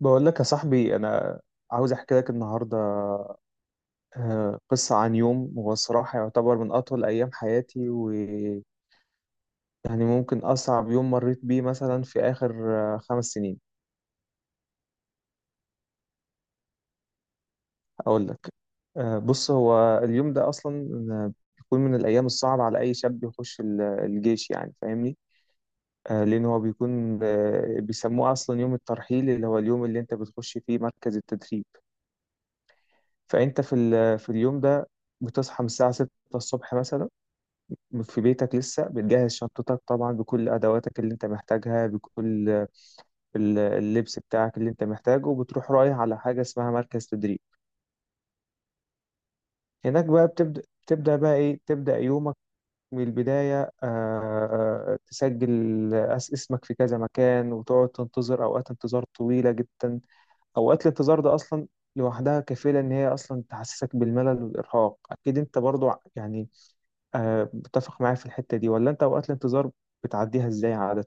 بقول لك يا صاحبي، انا عاوز احكي لك النهارده قصه عن يوم. هو الصراحه يعتبر من اطول ايام حياتي، ويعني ممكن اصعب يوم مريت بيه مثلا في اخر 5 سنين. اقول لك. بص، هو اليوم ده اصلا بيكون من الايام الصعبه على اي شاب يخش الجيش، يعني فاهمني. لان هو بيكون بيسموه اصلا يوم الترحيل، اللي هو اليوم اللي انت بتخش فيه مركز التدريب. فانت في في اليوم ده بتصحى من الساعه 6 الصبح مثلا، في بيتك لسه بتجهز شنطتك طبعا بكل أدواتك اللي أنت محتاجها، بكل اللبس بتاعك اللي أنت محتاجه، وبتروح رايح على حاجة اسمها مركز تدريب. هناك بقى بتبدأ. تبدأ بقى إيه؟ تبدأ يومك من البداية. تسجل اسمك في كذا مكان، وتقعد تنتظر أوقات انتظار طويلة جدا. أوقات الانتظار ده أصلا لوحدها كفيلة إن هي أصلا تحسسك بالملل والإرهاق. أكيد أنت برضو يعني متفق معايا في الحتة دي، ولا أنت أوقات الانتظار بتعديها إزاي عادة؟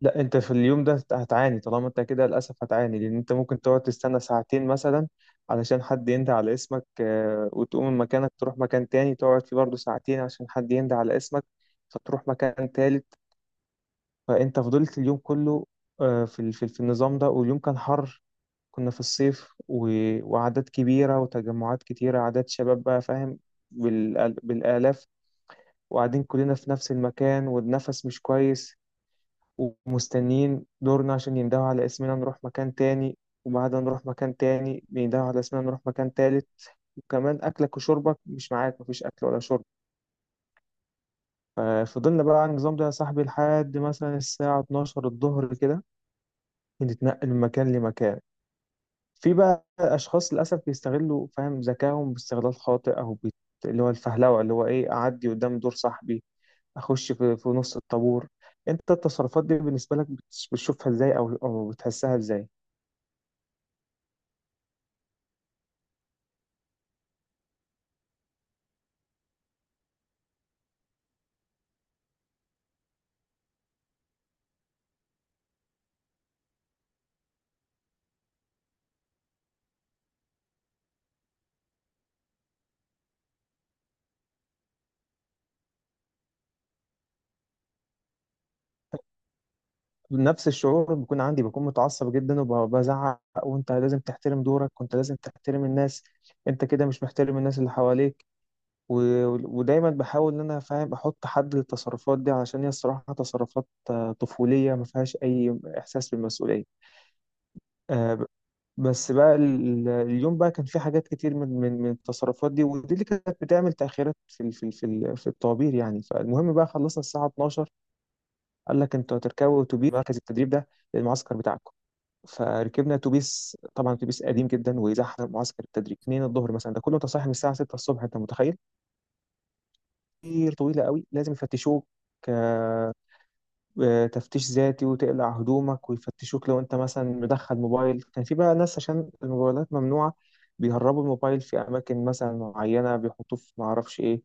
لا، انت في اليوم ده هتعاني. طالما انت كده للاسف هتعاني، لان انت ممكن تقعد تستنى ساعتين مثلا علشان حد ينده على اسمك، وتقوم من مكانك تروح مكان تاني تقعد فيه برضه ساعتين عشان حد ينده على اسمك، فتروح مكان تالت. فانت فضلت اليوم كله في النظام ده. واليوم كان حر، كنا في الصيف، وأعداد كبيرة وتجمعات كتيرة، أعداد شباب بقى فاهم، بالآلاف، وقاعدين كلنا في نفس المكان والنفس مش كويس، ومستنيين دورنا عشان يندهوا على اسمنا نروح مكان تاني، وبعدها نروح مكان تاني بيندهوا على اسمنا نروح مكان تالت، وكمان أكلك وشربك مش معاك، مفيش أكل ولا شرب. ففضلنا بقى على النظام ده يا صاحبي لحد مثلا الساعة 12 الظهر كده بنتنقل من مكان لمكان. في بقى أشخاص للأسف بيستغلوا فاهم ذكائهم باستغلال خاطئ، أو اللي هو الفهلوة، اللي هو إيه، أعدي قدام دور صاحبي، أخش في نص الطابور. أنت التصرفات دي بالنسبة لك بتشوفها إزاي، أو بتحسها إزاي؟ نفس الشعور بيكون عندي، بكون متعصب جدا وبزعق. وانت لازم تحترم دورك، وانت لازم تحترم الناس. انت كده مش محترم الناس اللي حواليك. و... ودايما بحاول ان انا فاهم احط حد للتصرفات دي، علشان هي الصراحة تصرفات طفولية ما فيهاش اي احساس بالمسؤولية. آه، ب- بس بقى اليوم بقى كان في حاجات كتير من التصرفات دي، ودي اللي كانت بتعمل تأخيرات في الطوابير يعني. فالمهم بقى خلصنا الساعة 12، قال لك انتوا هتركبوا اتوبيس مركز التدريب ده للمعسكر بتاعكم. فركبنا اتوبيس، طبعا اتوبيس قديم جدا ويزحم معسكر التدريب 2 الظهر مثلا، ده كله انت صاحي من الساعه 6 الصبح، انت متخيل؟ كتير طويله قوي. لازم يفتشوك آه، تفتيش ذاتي، وتقلع هدومك ويفتشوك لو انت مثلا مدخل موبايل. كان في بقى ناس، عشان الموبايلات ممنوعه، بيهربوا الموبايل في اماكن مثلا معينه، بيحطوه في ما اعرفش ايه.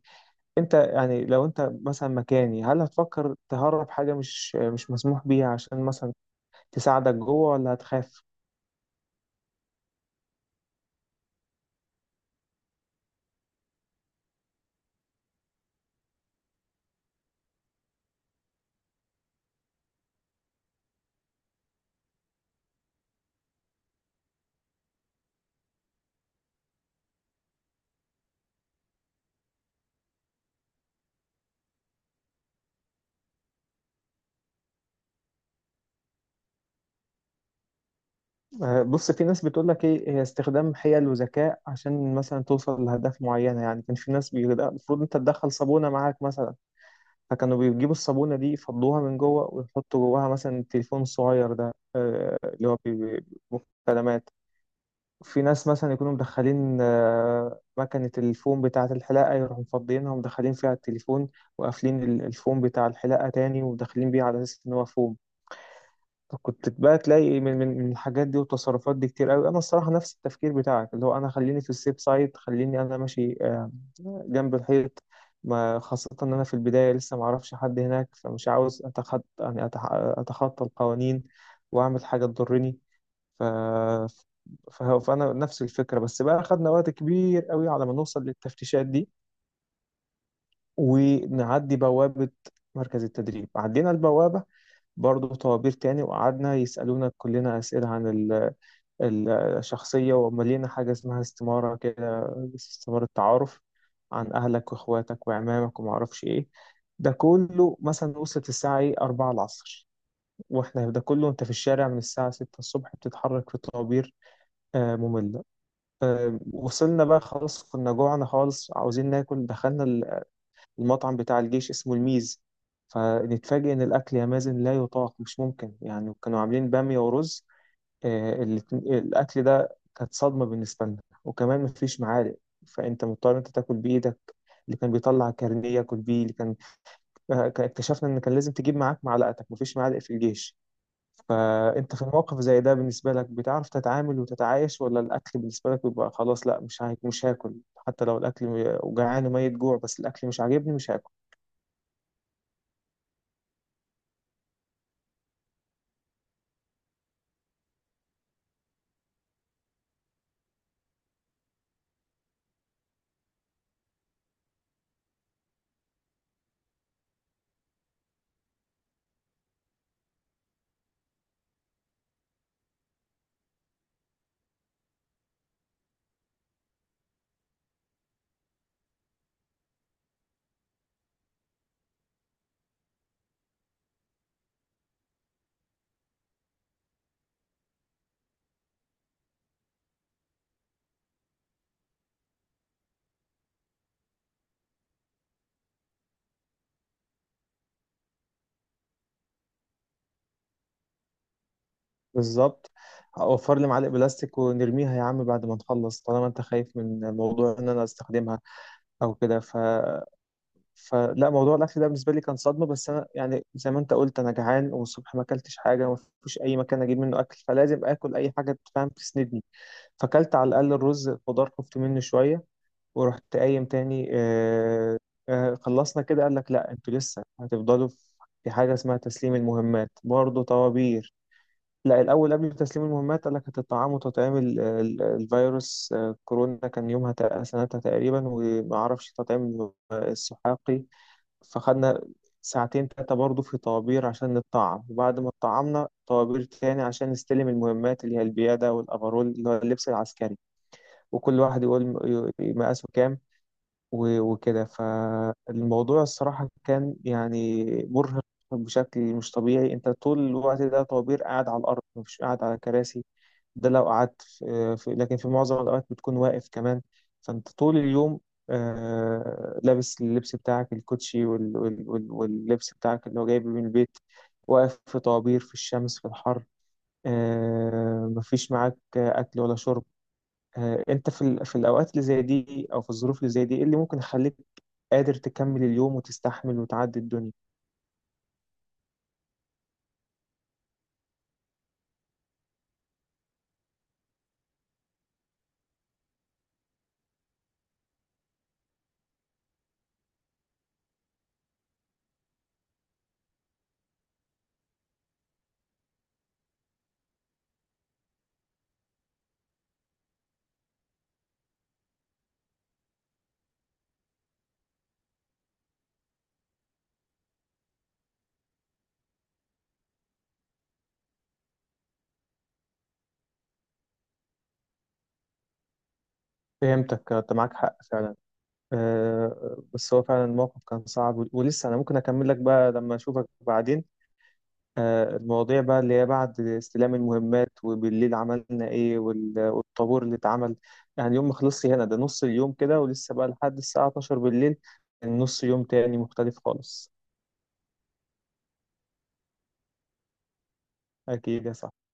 انت يعني لو انت مثلا مكاني، هل هتفكر تهرب حاجه مش مسموح بيها عشان مثلا تساعدك جوه، ولا هتخاف؟ بص، في ناس بتقول لك ايه هي استخدام حيل وذكاء عشان مثلا توصل لأهداف معينة. يعني كان في ناس بيقول لأ، المفروض انت تدخل صابونة معاك مثلا. فكانوا بيجيبوا الصابونة دي يفضوها من جوه ويحطوا جواها مثلا التليفون الصغير ده اللي هو بي- مكالمات. في ناس مثلا يكونوا مدخلين مكنة الفوم بتاعة الحلاقة، يروحوا مفضيينها ومدخلين فيها التليفون، وقافلين الفوم بتاع الحلاقة تاني ومدخلين بيه على أساس إن هو فوم. كنت بقى تلاقي من الحاجات دي والتصرفات دي كتير قوي. انا الصراحه نفس التفكير بتاعك، اللي هو انا خليني في السيف سايد، خليني انا ماشي جنب الحيط، ما خاصه ان انا في البدايه لسه ما اعرفش حد هناك، فمش عاوز اتخطى يعني اتخطى القوانين واعمل حاجه تضرني. ف فانا نفس الفكره. بس بقى خدنا وقت كبير قوي على ما نوصل للتفتيشات دي ونعدي بوابه مركز التدريب. عدينا البوابه، برضه طوابير تاني، وقعدنا يسألونا كلنا أسئلة عن الشخصية، ومليانة حاجة اسمها استمارة كده، استمارة تعارف عن أهلك وإخواتك وعمامك ومعرفش إيه. ده كله مثلا وصلت الساعة إيه، 4 العصر، وإحنا ده كله أنت في الشارع من الساعة 6 الصبح بتتحرك في طوابير مملة. وصلنا بقى خلاص، كنا جوعنا خالص عاوزين ناكل. دخلنا المطعم بتاع الجيش، اسمه الميز. فنتفاجئ إن الأكل يا مازن لا يطاق، مش ممكن. يعني كانوا عاملين بامية ورز. الأكل ده كانت صدمة بالنسبة لنا، وكمان مفيش معالق، فأنت مضطر أنت تاكل بإيدك. اللي كان بيطلع كارنيه ياكل بيه. اللي كان اكتشفنا إن كان لازم تجيب معاك معلقتك، مفيش معالق في الجيش. فأنت في الموقف زي ده بالنسبة لك بتعرف تتعامل وتتعايش، ولا الأكل بالنسبة لك بيبقى خلاص، لا مش هاكل، حتى لو الأكل جعان وميت جوع بس الأكل مش عاجبني مش هاكل؟ بالظبط. أوفر لي معلق بلاستيك ونرميها يا عم بعد ما نخلص طالما أنت خايف من موضوع إن أنا أستخدمها أو كده. فلا، موضوع الاكل ده بالنسبه لي كان صدمه. بس انا يعني زي ما انت قلت انا جعان، والصبح ما اكلتش حاجه، ما فيش اي مكان اجيب منه اكل، فلازم اكل اي حاجه تفهم تسندني. فاكلت على الاقل الرز، خضار خفت منه شويه، ورحت قايم تاني. خلصنا كده قال لك لا انتوا لسه هتفضلوا. في حاجه اسمها تسليم المهمات، برضه طوابير. لا الاول، قبل تسليم المهمات قال لك هتطعموا تطعيم الفيروس، كورونا كان يومها سنتها تقريبا، وما اعرفش تطعيم السحاقي. فخدنا ساعتين تلاتة برضه في طوابير عشان نطعم. وبعد ما اتطعمنا طوابير تاني عشان نستلم المهمات اللي هي البيادة والأفرول اللي هو اللبس العسكري. وكل واحد يقول مقاسه كام، وكده. فالموضوع الصراحة كان يعني مرهق بشكل مش طبيعي. انت طول الوقت ده طوابير، قاعد على الأرض مش قاعد على كراسي. ده لو قعدت لكن في معظم الأوقات بتكون واقف كمان. فأنت طول اليوم لابس اللبس بتاعك الكوتشي واللبس بتاعك اللي هو جايبه من البيت، واقف في طوابير في الشمس في الحر. مفيش معاك أكل ولا شرب. أنت في في الأوقات اللي زي دي أو في الظروف اللي زي دي، إيه اللي ممكن يخليك قادر تكمل اليوم وتستحمل وتعدي الدنيا؟ فهمتك. أنت معاك حق فعلا. بس هو فعلا الموقف كان صعب، ولسه انا ممكن اكمل لك بقى لما اشوفك بعدين. المواضيع بقى اللي هي بعد استلام المهمات وبالليل عملنا ايه، والطابور اللي اتعمل يعني. يوم ما خلصش هنا، ده نص اليوم كده، ولسه بقى لحد الساعة 12 بالليل نص يوم تاني مختلف خالص. اكيد يا صاحبي.